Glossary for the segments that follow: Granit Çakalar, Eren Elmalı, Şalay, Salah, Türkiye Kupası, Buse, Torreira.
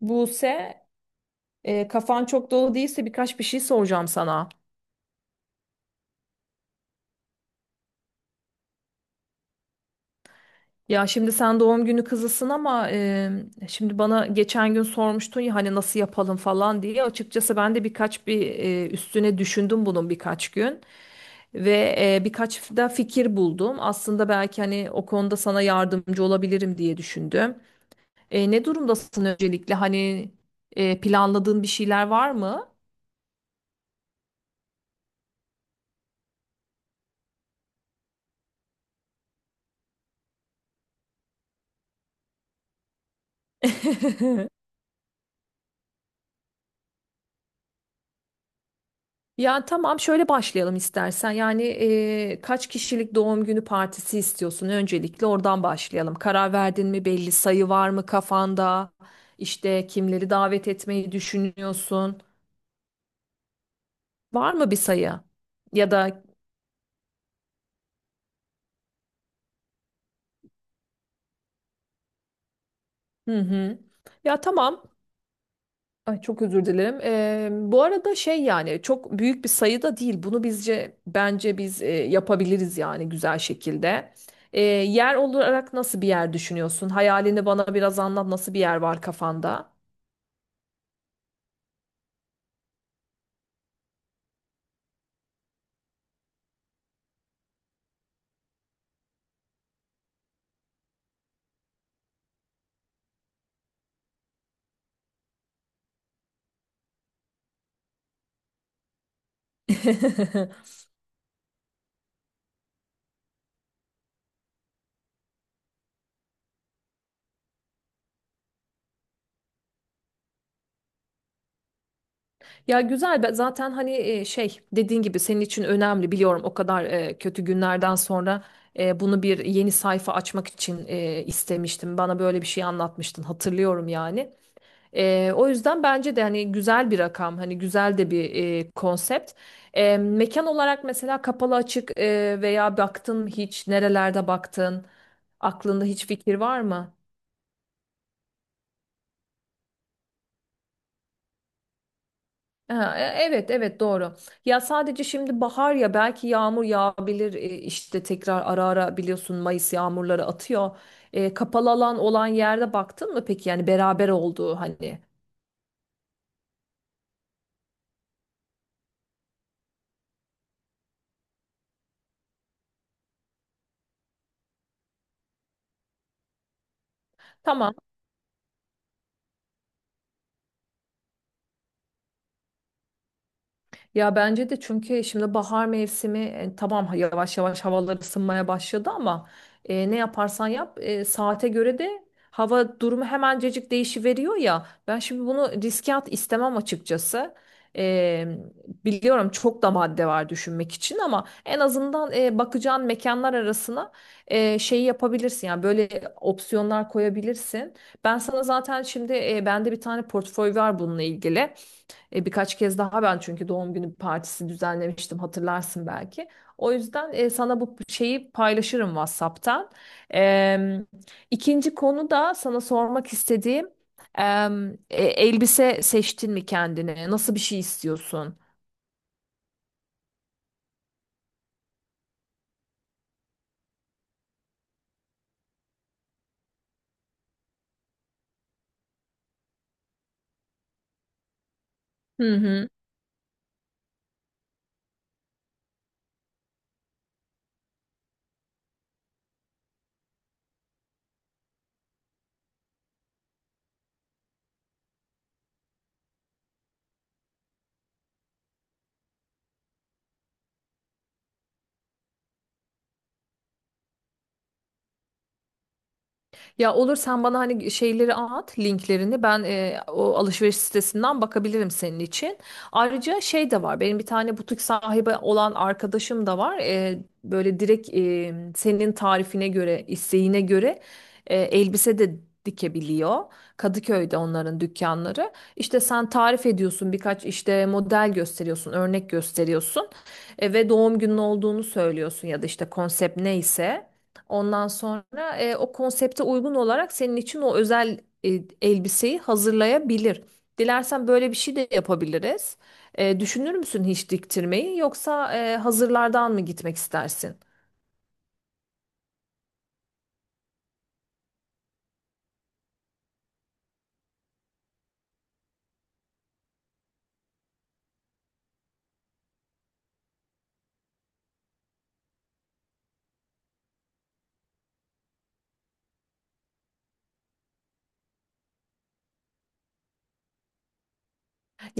Buse, kafan çok dolu değilse birkaç bir şey soracağım sana. Ya şimdi sen doğum günü kızısın ama şimdi bana geçen gün sormuştun ya hani nasıl yapalım falan diye. Açıkçası ben de birkaç üstüne düşündüm bunun birkaç gün ve birkaç da fikir buldum. Aslında belki hani o konuda sana yardımcı olabilirim diye düşündüm. Ne durumdasın öncelikle? Hani planladığın bir şeyler var mı? Ya tamam şöyle başlayalım istersen. Yani kaç kişilik doğum günü partisi istiyorsun? Öncelikle oradan başlayalım. Karar verdin mi, belli sayı var mı kafanda? İşte kimleri davet etmeyi düşünüyorsun? Var mı bir sayı? Ya da hı hı. Ya tamam. Ay çok özür dilerim. Bu arada şey, yani çok büyük bir sayıda değil. Bunu bence yapabiliriz yani güzel şekilde. Yer olarak nasıl bir yer düşünüyorsun? Hayalini bana biraz anlat. Nasıl bir yer var kafanda? Ya güzel zaten hani şey, dediğin gibi senin için önemli, biliyorum, o kadar kötü günlerden sonra bunu bir yeni sayfa açmak için istemiştim. Bana böyle bir şey anlatmıştın, hatırlıyorum yani. O yüzden bence de hani güzel bir rakam, hani güzel de bir konsept. Mekan olarak mesela kapalı açık veya baktın mı hiç, nerelerde baktın, aklında hiç fikir var mı? Ha, evet evet, doğru. Ya sadece şimdi bahar ya, belki yağmur yağabilir işte tekrar ara ara, biliyorsun Mayıs yağmurları atıyor. Kapalı alan olan yerde baktın mı peki, yani beraber olduğu hani. Tamam. Ya bence de, çünkü şimdi bahar mevsimi, tamam yavaş yavaş havalar ısınmaya başladı ama ne yaparsan yap, saate göre de hava durumu hemencecik değişiveriyor ya. Ben şimdi bunu riske at istemem açıkçası. E, Biliyorum çok da madde var düşünmek için ama en azından bakacağın mekanlar arasına şeyi yapabilirsin. Yani böyle opsiyonlar koyabilirsin. Ben sana zaten şimdi bende bir tane portföy var bununla ilgili. Birkaç kez daha ben çünkü doğum günü partisi düzenlemiştim, hatırlarsın belki. O yüzden sana bu şeyi paylaşırım WhatsApp'tan. Em, ikinci konu da sana sormak istediğim, elbise seçtin mi kendine? Nasıl bir şey istiyorsun? Hı hı. Ya olur, sen bana hani şeyleri at, linklerini ben o alışveriş sitesinden bakabilirim senin için. Ayrıca şey de var, benim bir tane butik sahibi olan arkadaşım da var. Böyle direkt senin tarifine göre, isteğine göre elbise de dikebiliyor. Kadıköy'de onların dükkanları. İşte sen tarif ediyorsun, birkaç işte model gösteriyorsun, örnek gösteriyorsun ve doğum günün olduğunu söylüyorsun ya da işte konsept neyse. Ondan sonra o konsepte uygun olarak senin için o özel e, elbiseyi hazırlayabilir. Dilersen böyle bir şey de yapabiliriz. Düşünür müsün hiç diktirmeyi, yoksa hazırlardan mı gitmek istersin?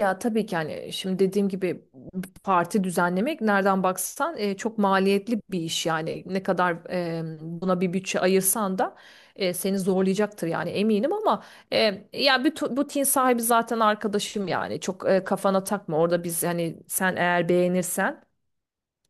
Ya tabii ki, hani şimdi dediğim gibi parti düzenlemek nereden baksan çok maliyetli bir iş. Yani ne kadar buna bir bütçe ayırsan da seni zorlayacaktır yani, eminim, ama e, ya bu tin sahibi zaten arkadaşım yani. Çok kafana takma orada, biz hani sen eğer beğenirsen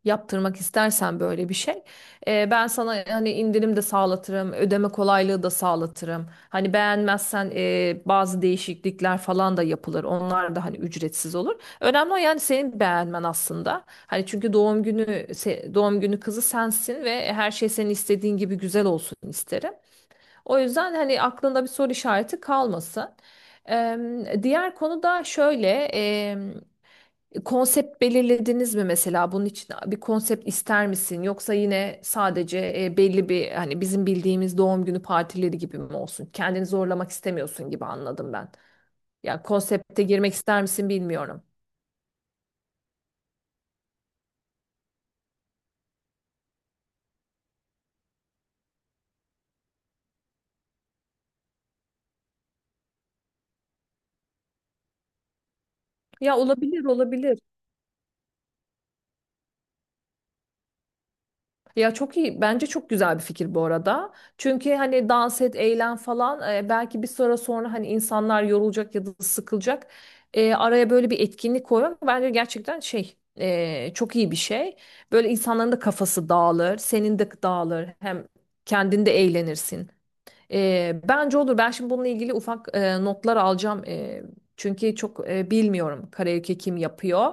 yaptırmak istersen böyle bir şey. Ben sana hani indirim de sağlatırım, ödeme kolaylığı da sağlatırım. Hani beğenmezsen bazı değişiklikler falan da yapılır. Onlar da hani ücretsiz olur. Önemli o, yani senin beğenmen aslında. Hani çünkü doğum doğum günü kızı sensin ve her şey senin istediğin gibi güzel olsun isterim. O yüzden hani aklında bir soru işareti kalmasın. Diğer konu da şöyle, konsept belirlediniz mi mesela? Bunun için bir konsept ister misin? Yoksa yine sadece belli bir, hani bizim bildiğimiz doğum günü partileri gibi mi olsun? Kendini zorlamak istemiyorsun gibi anladım ben. Ya konsepte girmek ister misin bilmiyorum. Ya olabilir olabilir. Ya çok iyi. Bence çok güzel bir fikir bu arada. Çünkü hani dans et, eğlen falan, belki bir süre sonra hani insanlar yorulacak ya da sıkılacak. Araya böyle bir etkinlik koymak bence gerçekten şey, çok iyi bir şey. Böyle insanların da kafası dağılır, senin de dağılır. Hem kendin de eğlenirsin. Bence olur. Ben şimdi bununla ilgili ufak notlar alacağım. Çünkü çok bilmiyorum karaoke kim yapıyor.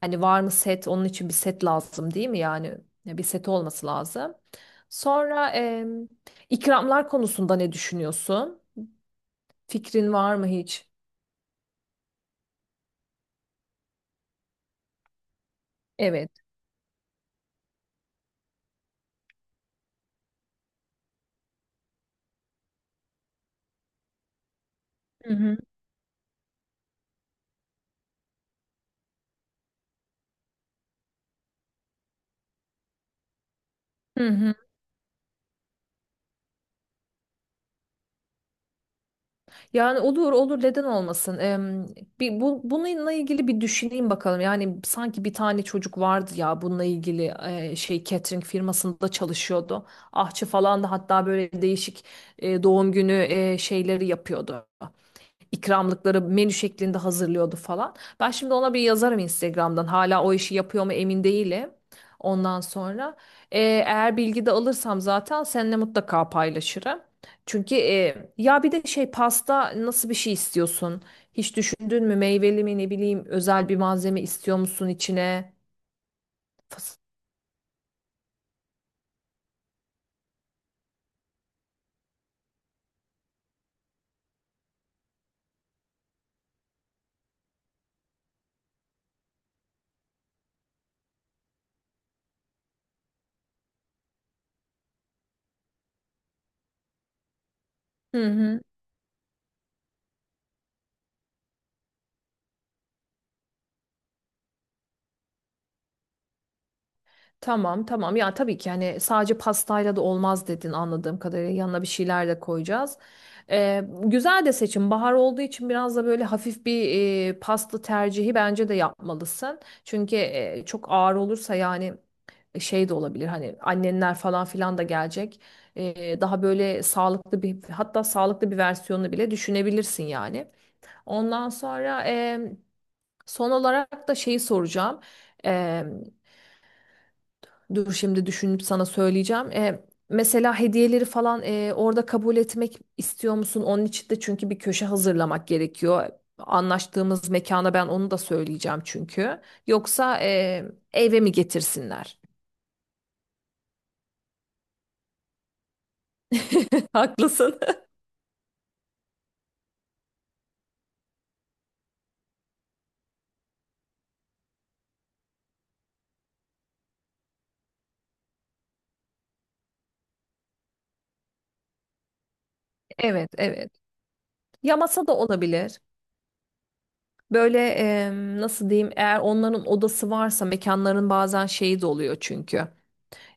Hani var mı set? Onun için bir set lazım değil mi? Yani bir set olması lazım. Sonra ikramlar konusunda ne düşünüyorsun? Fikrin var mı hiç? Evet. Hı hı. Hı hı. Yani olur olur, neden olmasın? Bir bununla ilgili bir düşüneyim bakalım. Yani sanki bir tane çocuk vardı ya bununla ilgili, şey, catering firmasında çalışıyordu. Ahçı falan da, hatta böyle değişik doğum günü şeyleri yapıyordu. İkramlıkları menü şeklinde hazırlıyordu falan. Ben şimdi ona bir yazarım Instagram'dan. Hala o işi yapıyor mu emin değilim. Ondan sonra eğer bilgi de alırsam zaten seninle mutlaka paylaşırım. Çünkü ya bir de şey, pasta nasıl bir şey istiyorsun? Hiç düşündün mü, meyveli mi, ne bileyim, özel bir malzeme istiyor musun içine? Fas- Hı hı. Tamam tamam, ya tabii ki hani sadece pastayla da olmaz dedin anladığım kadarıyla, yanına bir şeyler de koyacağız. Güzel de seçim, bahar olduğu için biraz da böyle hafif bir pasta tercihi bence de yapmalısın. Çünkü çok ağır olursa yani, şey de olabilir, hani annenler falan filan da gelecek. Daha böyle sağlıklı bir, hatta sağlıklı bir versiyonunu bile düşünebilirsin yani. Ondan sonra son olarak da şeyi soracağım. Dur şimdi düşünüp sana söyleyeceğim. Mesela hediyeleri falan orada kabul etmek istiyor musun? Onun için de çünkü bir köşe hazırlamak gerekiyor. Anlaştığımız mekana ben onu da söyleyeceğim çünkü. Yoksa eve mi getirsinler? Haklısın. Evet, evet. Ya masa da olabilir. Böyle nasıl diyeyim? Eğer onların odası varsa, mekanların bazen şeyi de oluyor çünkü.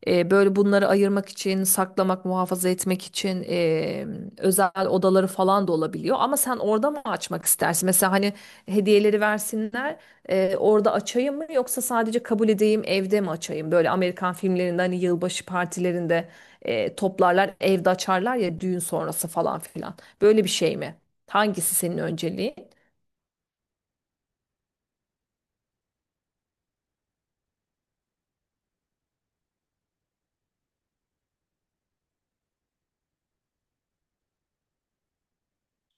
Böyle bunları ayırmak için, saklamak, muhafaza etmek için özel odaları falan da olabiliyor. Ama sen orada mı açmak istersin? Mesela hani hediyeleri versinler, orada açayım mı, yoksa sadece kabul edeyim, evde mi açayım? Böyle Amerikan filmlerinde hani yılbaşı partilerinde toplarlar, evde açarlar ya, düğün sonrası falan filan. Böyle bir şey mi? Hangisi senin önceliğin?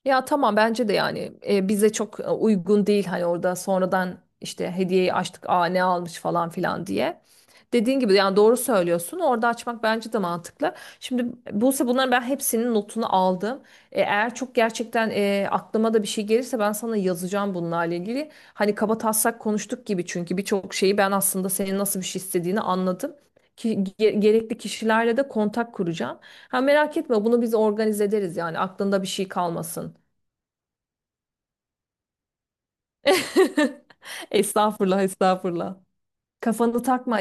Ya tamam, bence de yani bize çok uygun değil hani orada sonradan işte hediyeyi açtık, aa ne almış falan filan diye. Dediğin gibi yani, doğru söylüyorsun, orada açmak bence de mantıklı. Şimdi Buse, bunların ben hepsinin notunu aldım. Eğer çok gerçekten aklıma da bir şey gelirse ben sana yazacağım bunlarla ilgili. Hani kaba taslak konuştuk gibi, çünkü birçok şeyi ben aslında senin nasıl bir şey istediğini anladım. Ki, gerekli kişilerle de kontak kuracağım. Ha, merak etme, bunu biz organize ederiz yani, aklında bir şey kalmasın. Estağfurullah, estağfurullah. Kafanı takma